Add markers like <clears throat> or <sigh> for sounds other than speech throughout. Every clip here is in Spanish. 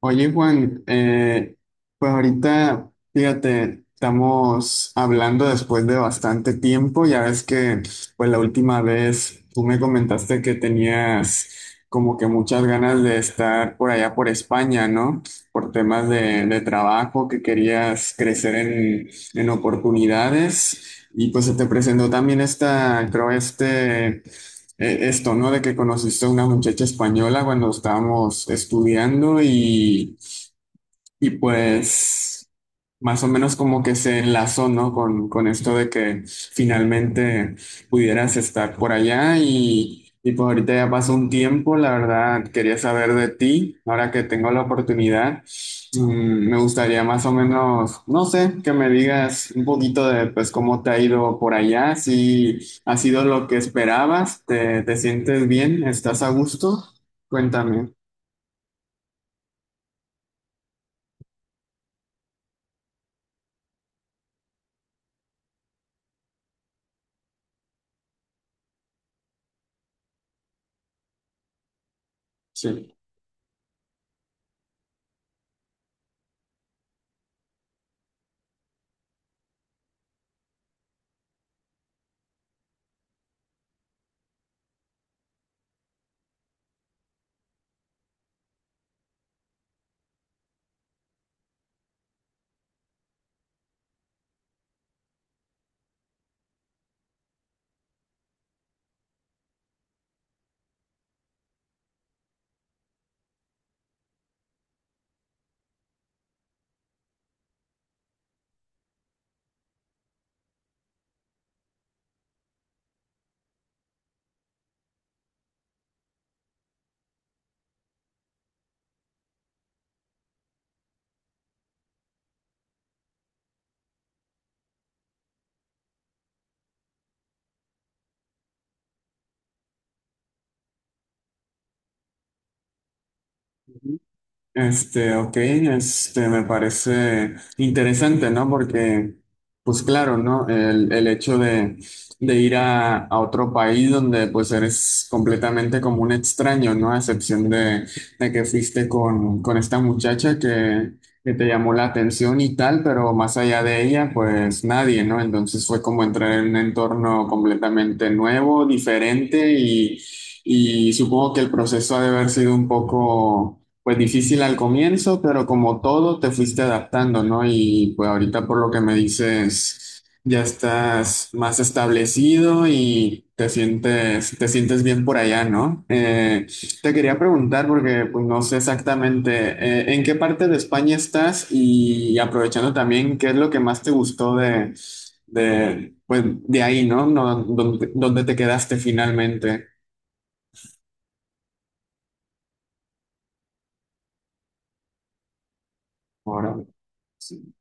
Oye, Juan, pues ahorita, fíjate, estamos hablando después de bastante tiempo. Ya ves que, pues la última vez tú me comentaste que tenías como que muchas ganas de estar por allá por España, ¿no? Por temas de trabajo, que querías crecer en oportunidades. Y pues se te presentó también esta, creo, esto, ¿no? De que conociste a una muchacha española cuando estábamos estudiando y pues más o menos como que se enlazó, ¿no? Con esto de que finalmente pudieras estar por allá y pues ahorita ya pasó un tiempo, la verdad quería saber de ti, ahora que tengo la oportunidad, me gustaría más o menos, no sé, que me digas un poquito de pues cómo te ha ido por allá, si ha sido lo que esperabas, te sientes bien, estás a gusto, cuéntame, sí. Este, ok, este, me parece interesante, ¿no? Porque, pues claro, ¿no? El hecho de ir a otro país donde pues eres completamente como un extraño, ¿no? A excepción de que fuiste con esta muchacha que te llamó la atención y tal, pero más allá de ella, pues nadie, ¿no? Entonces fue como entrar en un entorno completamente nuevo, diferente y supongo que el proceso ha de haber sido un poco pues difícil al comienzo, pero como todo te fuiste adaptando, ¿no? Y pues ahorita por lo que me dices, ya estás más establecido y te sientes bien por allá, ¿no? Te quería preguntar porque pues no sé exactamente en qué parte de España estás y aprovechando también qué es lo que más te gustó de pues de ahí, ¿no? No, donde, donde te quedaste finalmente. Ahora. Sí.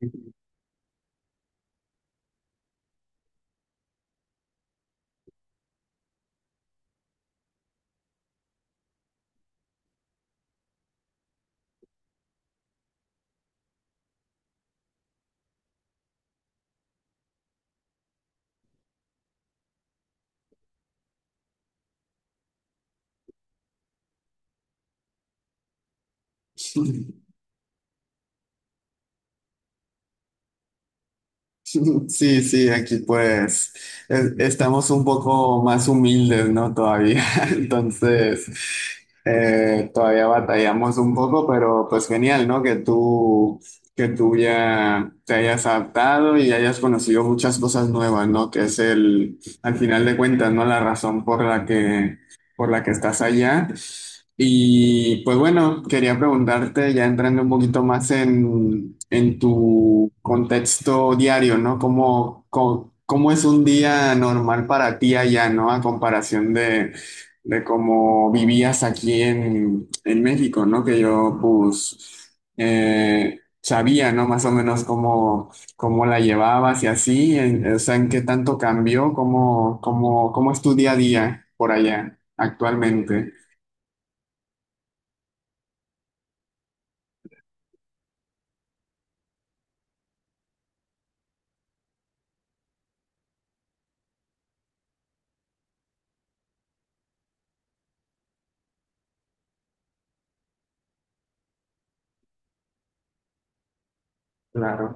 Ujú. <laughs> Sí, sí, aquí pues estamos un poco más humildes, ¿no? Todavía. <laughs> Entonces, todavía batallamos un poco, pero pues genial, ¿no? Que tú ya te hayas adaptado y hayas conocido muchas cosas nuevas, ¿no? Que es el, al final de cuentas, ¿no? La razón por la que estás allá. Y pues bueno, quería preguntarte, ya entrando un poquito más en tu contexto diario, ¿no? ¿Cómo es un día normal para ti allá, ¿no? A comparación de cómo vivías aquí en México, ¿no? Que yo pues sabía, ¿no? Más o menos cómo, cómo la llevabas y así, en- o sea, en qué tanto cambió, cómo es tu día a día por allá actualmente. Claro.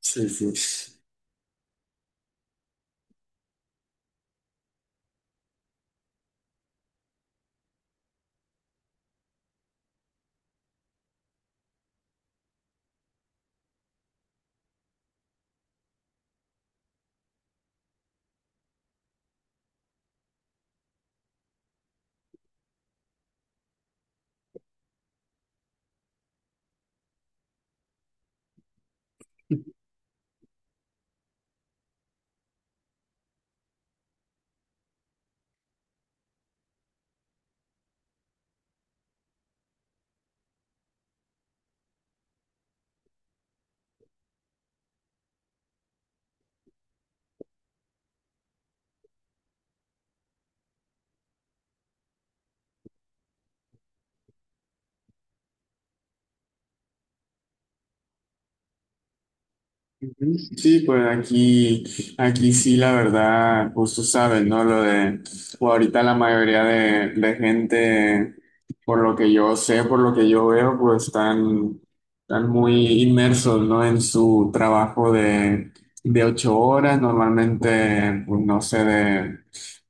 Sí, sí. Ujú. Sí, pues aquí, aquí sí, la verdad, pues tú sabes, ¿no? Lo de, o ahorita la mayoría de gente, por lo que yo sé, por lo que yo veo, pues están, están muy inmersos, ¿no? En su trabajo de 8 horas, normalmente, pues no sé, de,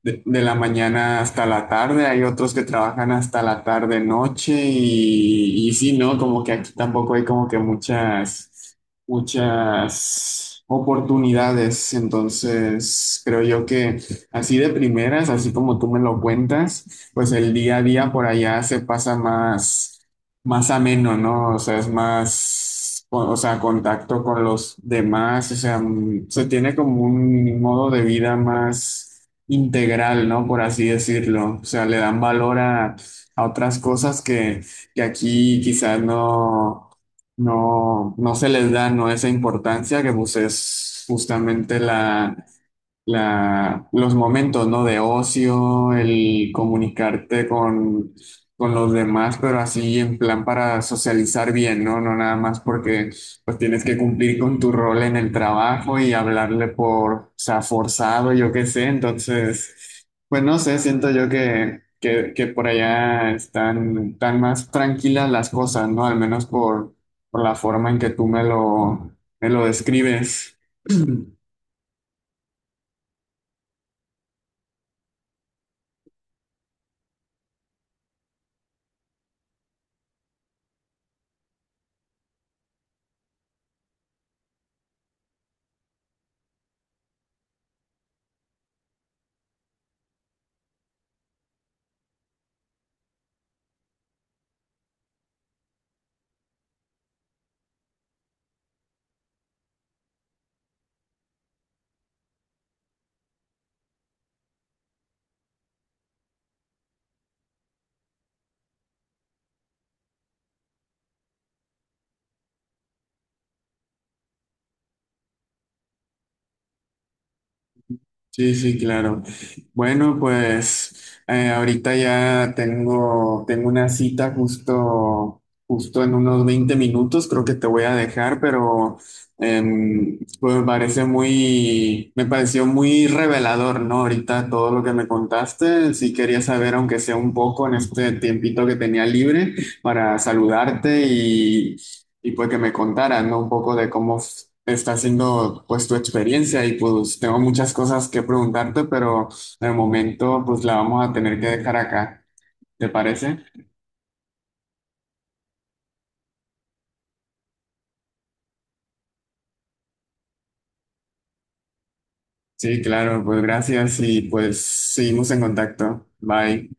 de, de la mañana hasta la tarde. Hay otros que trabajan hasta la tarde, noche, y sí, ¿no? Como que aquí tampoco hay como que muchas oportunidades. Entonces, creo yo que así de primeras, así como tú me lo cuentas, pues el día a día por allá se pasa más, más ameno, ¿no? O sea, es más, o sea, contacto con los demás, o sea, se tiene como un modo de vida más integral, ¿no? Por así decirlo. O sea, le dan valor a otras cosas que aquí quizás no. No, no se les da, no esa importancia que pues es justamente la, los momentos, ¿no? De ocio, el comunicarte con los demás, pero así en plan para socializar bien, ¿no? No nada más porque pues tienes que cumplir con tu rol en el trabajo y hablarle por, o sea, forzado, yo qué sé. Entonces, pues no sé, siento yo que por allá están, tan más tranquilas las cosas, ¿no? Al menos por la forma en que tú me lo describes. <clears throat> Sí, sí, claro. Bueno, pues ahorita ya tengo, tengo una cita justo, justo en unos 20 minutos, creo que te voy a dejar, pero pues me parece muy, me pareció muy revelador, ¿no? Ahorita todo lo que me contaste, sí quería saber, aunque sea un poco en este tiempito que tenía libre, para saludarte y pues que me contaras, ¿no? Un poco de cómo está siendo pues tu experiencia y pues tengo muchas cosas que preguntarte, pero de momento pues la vamos a tener que dejar acá, ¿te parece? Sí, claro, pues gracias y pues seguimos en contacto. Bye.